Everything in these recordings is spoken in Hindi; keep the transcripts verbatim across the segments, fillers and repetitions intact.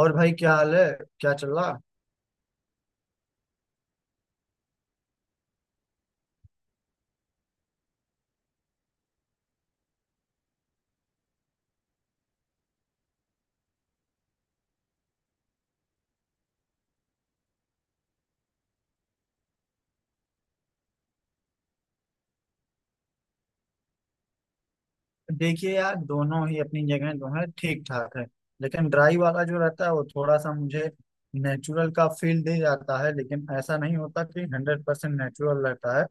और भाई, क्या हाल है? क्या चल रहा? देखिए यार, दोनों ही अपनी जगह दोनों ठीक ठाक है। लेकिन ड्राई वाला जो रहता है वो थोड़ा सा मुझे नेचुरल का फील दे जाता है। लेकिन ऐसा नहीं होता कि हंड्रेड परसेंट नेचुरल रहता है।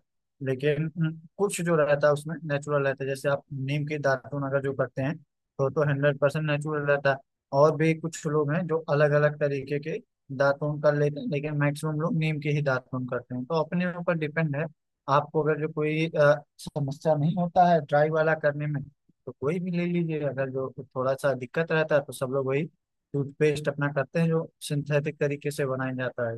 लेकिन हम्म, कुछ जो रहता है उसमें नेचुरल रहता है। जैसे आप नीम के दातुन अगर जो करते हैं तो तो हंड्रेड परसेंट नेचुरल रहता है। और भी कुछ लोग हैं जो अलग अलग तरीके के दातुन कर लेते हैं, लेकिन मैक्सिमम लोग नीम के ही दातुन करते हैं तो अपने ऊपर डिपेंड है। आपको अगर जो कोई अ, समस्या नहीं होता है ड्राई वाला करने में तो कोई भी ले लीजिए। अगर जो थोड़ा सा दिक्कत रहता है तो सब लोग वही टूथपेस्ट अपना करते हैं जो सिंथेटिक तरीके से बनाया जाता है।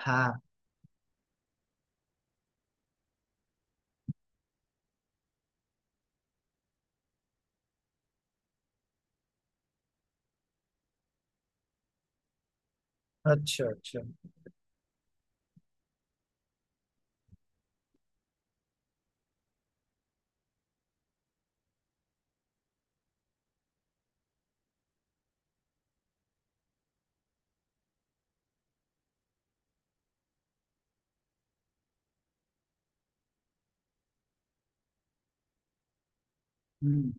हाँ। अच्छा अच्छा। हम्म।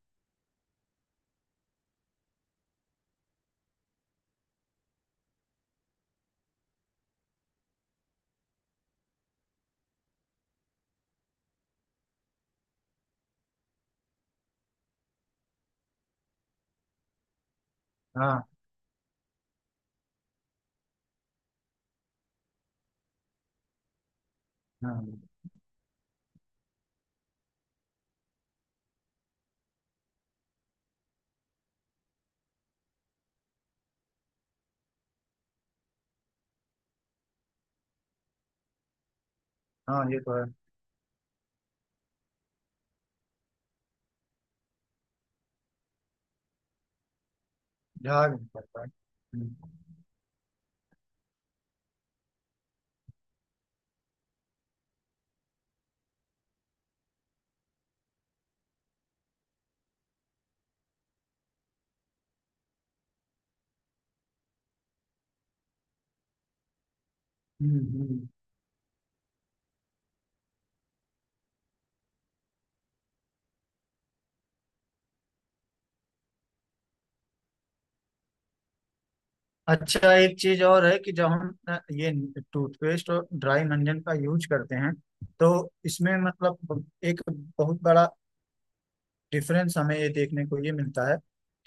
हाँ। हाँ। हाँ, ये तो है। झाग नहीं पड़ता है। हम्म। हम्म, हम्म। अच्छा, एक चीज और है कि जब हम अ, ये टूथपेस्ट और ड्राई मंजन का यूज करते हैं, तो इसमें मतलब एक बहुत बड़ा डिफरेंस हमें ये देखने को ये मिलता है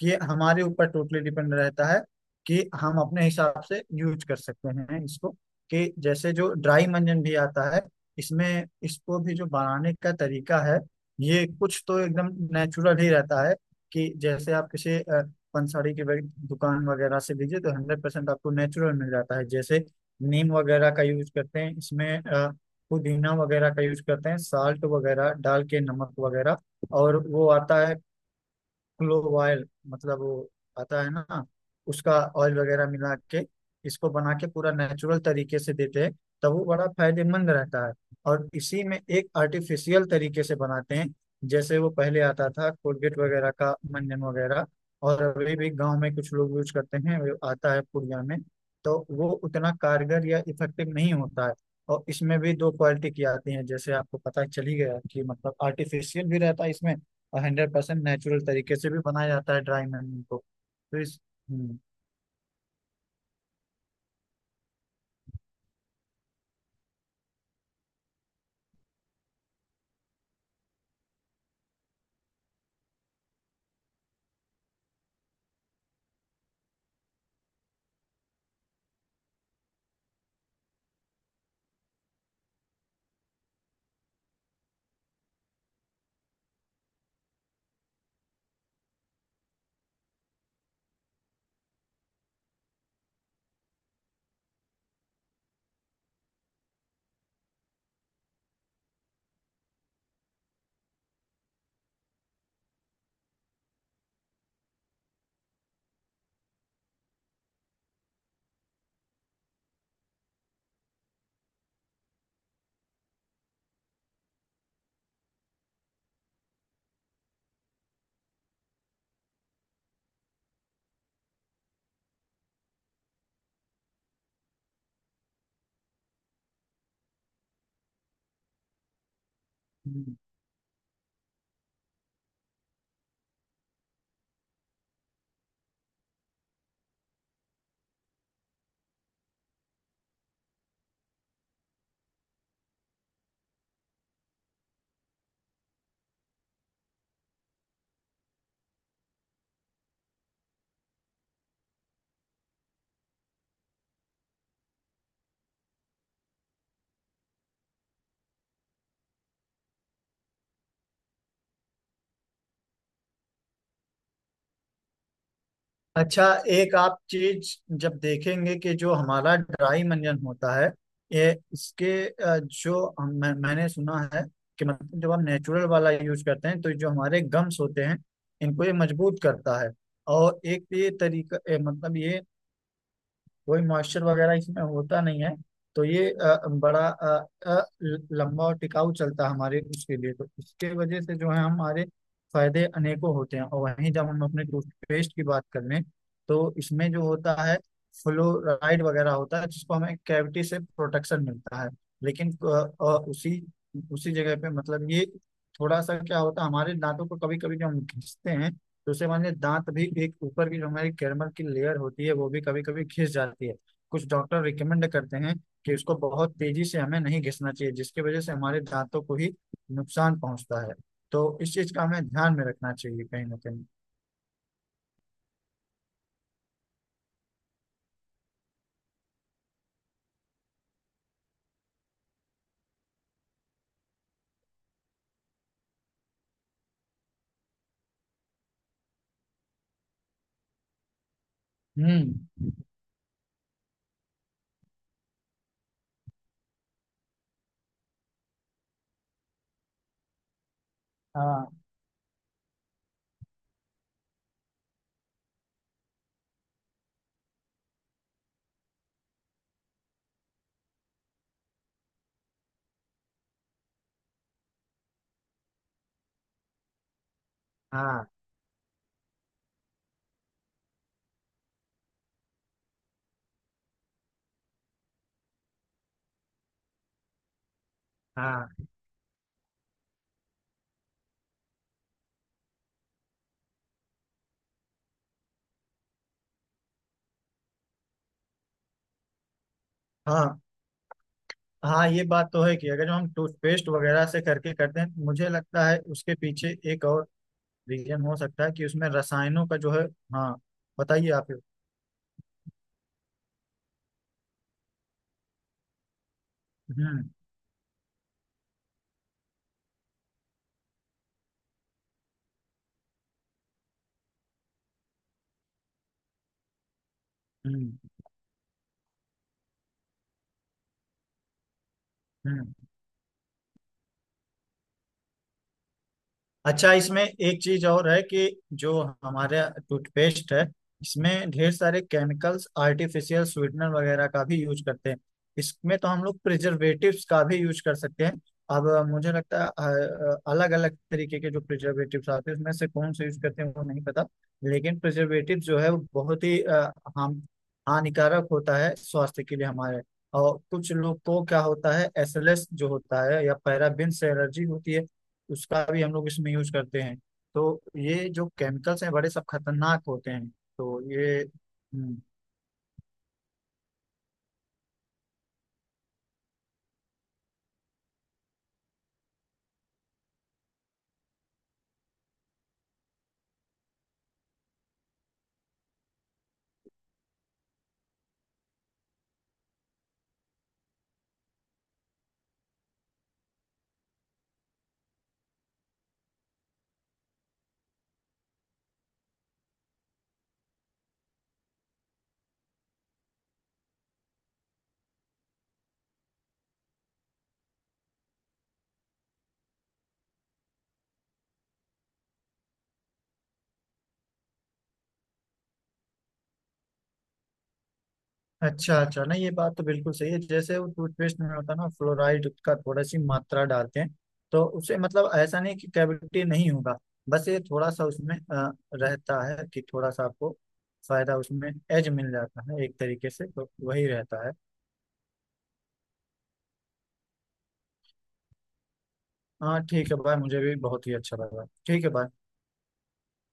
कि हमारे ऊपर टोटली डिपेंड रहता है। कि हम अपने हिसाब से यूज कर सकते हैं इसको। कि जैसे जो ड्राई मंजन भी आता है, इसमें इसको भी जो बनाने का तरीका है, ये कुछ तो एकदम नेचुरल ही रहता है। कि जैसे आप किसी अ, पंसारी की वग- दुकान वगैरह से लीजिए तो हंड्रेड परसेंट आपको नेचुरल मिल जाता है। जैसे नीम वगैरह का यूज करते हैं इसमें, अ, पुदीना वगैरह का यूज करते हैं, साल्ट वगैरह डाल के, नमक वगैरह। और वो आता है क्लोव ऑयल, मतलब वो आता है ना, उसका ऑयल वगैरह मिला के इसको बना के पूरा नेचुरल तरीके से देते हैं, तब वो बड़ा फायदेमंद रहता है। और इसी में एक आर्टिफिशियल तरीके से बनाते हैं, जैसे वो पहले आता था कोलगेट वगैरह का मंजन वगैरह, और अभी भी गांव में कुछ लोग यूज करते हैं, वो आता है पुड़िया में, तो वो उतना कारगर या इफेक्टिव नहीं होता है। और इसमें भी दो क्वालिटी की आती है, जैसे आपको पता चल ही गया कि मतलब आर्टिफिशियल भी रहता है इसमें, और हंड्रेड परसेंट नेचुरल तरीके से भी बनाया जाता है ड्राई मेमोरी को। तो इस हम्म, हम्म। अच्छा, एक आप चीज जब देखेंगे कि जो हमारा ड्राई मंजन होता है, ये इसके अ, जो हम- मैं, मैंने सुना है कि मतलब जब हम नेचुरल वाला यूज करते हैं तो जो हमारे गम्स होते हैं, इनको ये मजबूत करता है। और एक ये तरीका ए, मतलब ये, कोई मॉइस्चर वगैरह इसमें होता नहीं है। तो ये अ, बड़ा अ, अ, ल- लंबा और टिकाऊ चलता है हमारे उसके लिए, तो इसके वजह से जो है हमारे फायदे अनेकों होते हैं। और वहीं जब हम अपने टूथपेस्ट की बात कर लें तो इसमें जो होता है फ्लोराइड वगैरह होता है, जिसको हमें कैविटी से प्रोटेक्शन मिलता है। लेकिन अ, अ, उसी उसी जगह पे मतलब ये थोड़ा सा क्या होता है, हमारे दांतों को कभी कभी जब हम घिसते हैं, दूसरे मामले दांत भी, एक ऊपर की जो हमारी कैरमल की लेयर होती है वो भी कभी कभी घिस जाती है। कुछ डॉक्टर रिकमेंड करते हैं कि उसको बहुत तेजी से हमें नहीं घिसना चाहिए, जिसकी वजह से हमारे दांतों को ही नुकसान पहुंचता है। तो इस चीज का हमें ध्यान में रखना चाहिए कहीं ना कहीं। हम्म। हाँ। हाँ। हाँ। हाँ। हाँ, ये बात तो है कि अगर जो हम टूथपेस्ट वगैरह से करके करते हैं, मुझे लगता है उसके पीछे एक और रीजन हो सकता है कि उसमें रसायनों का जो है। हाँ। बताइए आप। हम्म। हम्म। हम्म। अच्छा, इसमें एक चीज और है कि जो हमारे टूथपेस्ट है, इसमें ढेर सारे केमिकल्स, आर्टिफिशियल स्वीटनर वगैरह का भी यूज करते हैं। इसमें तो हम लोग प्रिजर्वेटिव्स का भी यूज कर सकते हैं। अब मुझे लगता है अलग अलग तरीके के जो प्रिजर्वेटिव्स आते हैं उसमें से कौन से यूज करते हैं वो नहीं पता। लेकिन प्रिजर्वेटिव जो है वो बहुत ही अ, हार्म, हानिकारक होता है स्वास्थ्य के लिए हमारे। और कुछ लोग को क्या होता है एस एल एस जो होता है, या पैराबिन एलर्जी होती है, उसका भी हम लोग इसमें यूज करते हैं। तो ये जो केमिकल्स हैं बड़े सब खतरनाक होते हैं। तो ये हम्म, अच्छा अच्छा। नहीं, ये बात तो बिल्कुल सही है। जैसे वो टूथपेस्ट में होता है ना, फ्लोराइड का थोड़ा सी मात्रा डालते हैं, तो उससे मतलब ऐसा नहीं कि कैविटी नहीं होगा। बस ये थोड़ा सा उसमें अ, रहता है कि थोड़ा सा आपको फायदा उसमें एज मिल जाता है एक तरीके से, तो वही रहता है। हाँ, ठीक है भाई, मुझे भी बहुत ही अच्छा लगा। ठीक है भाई।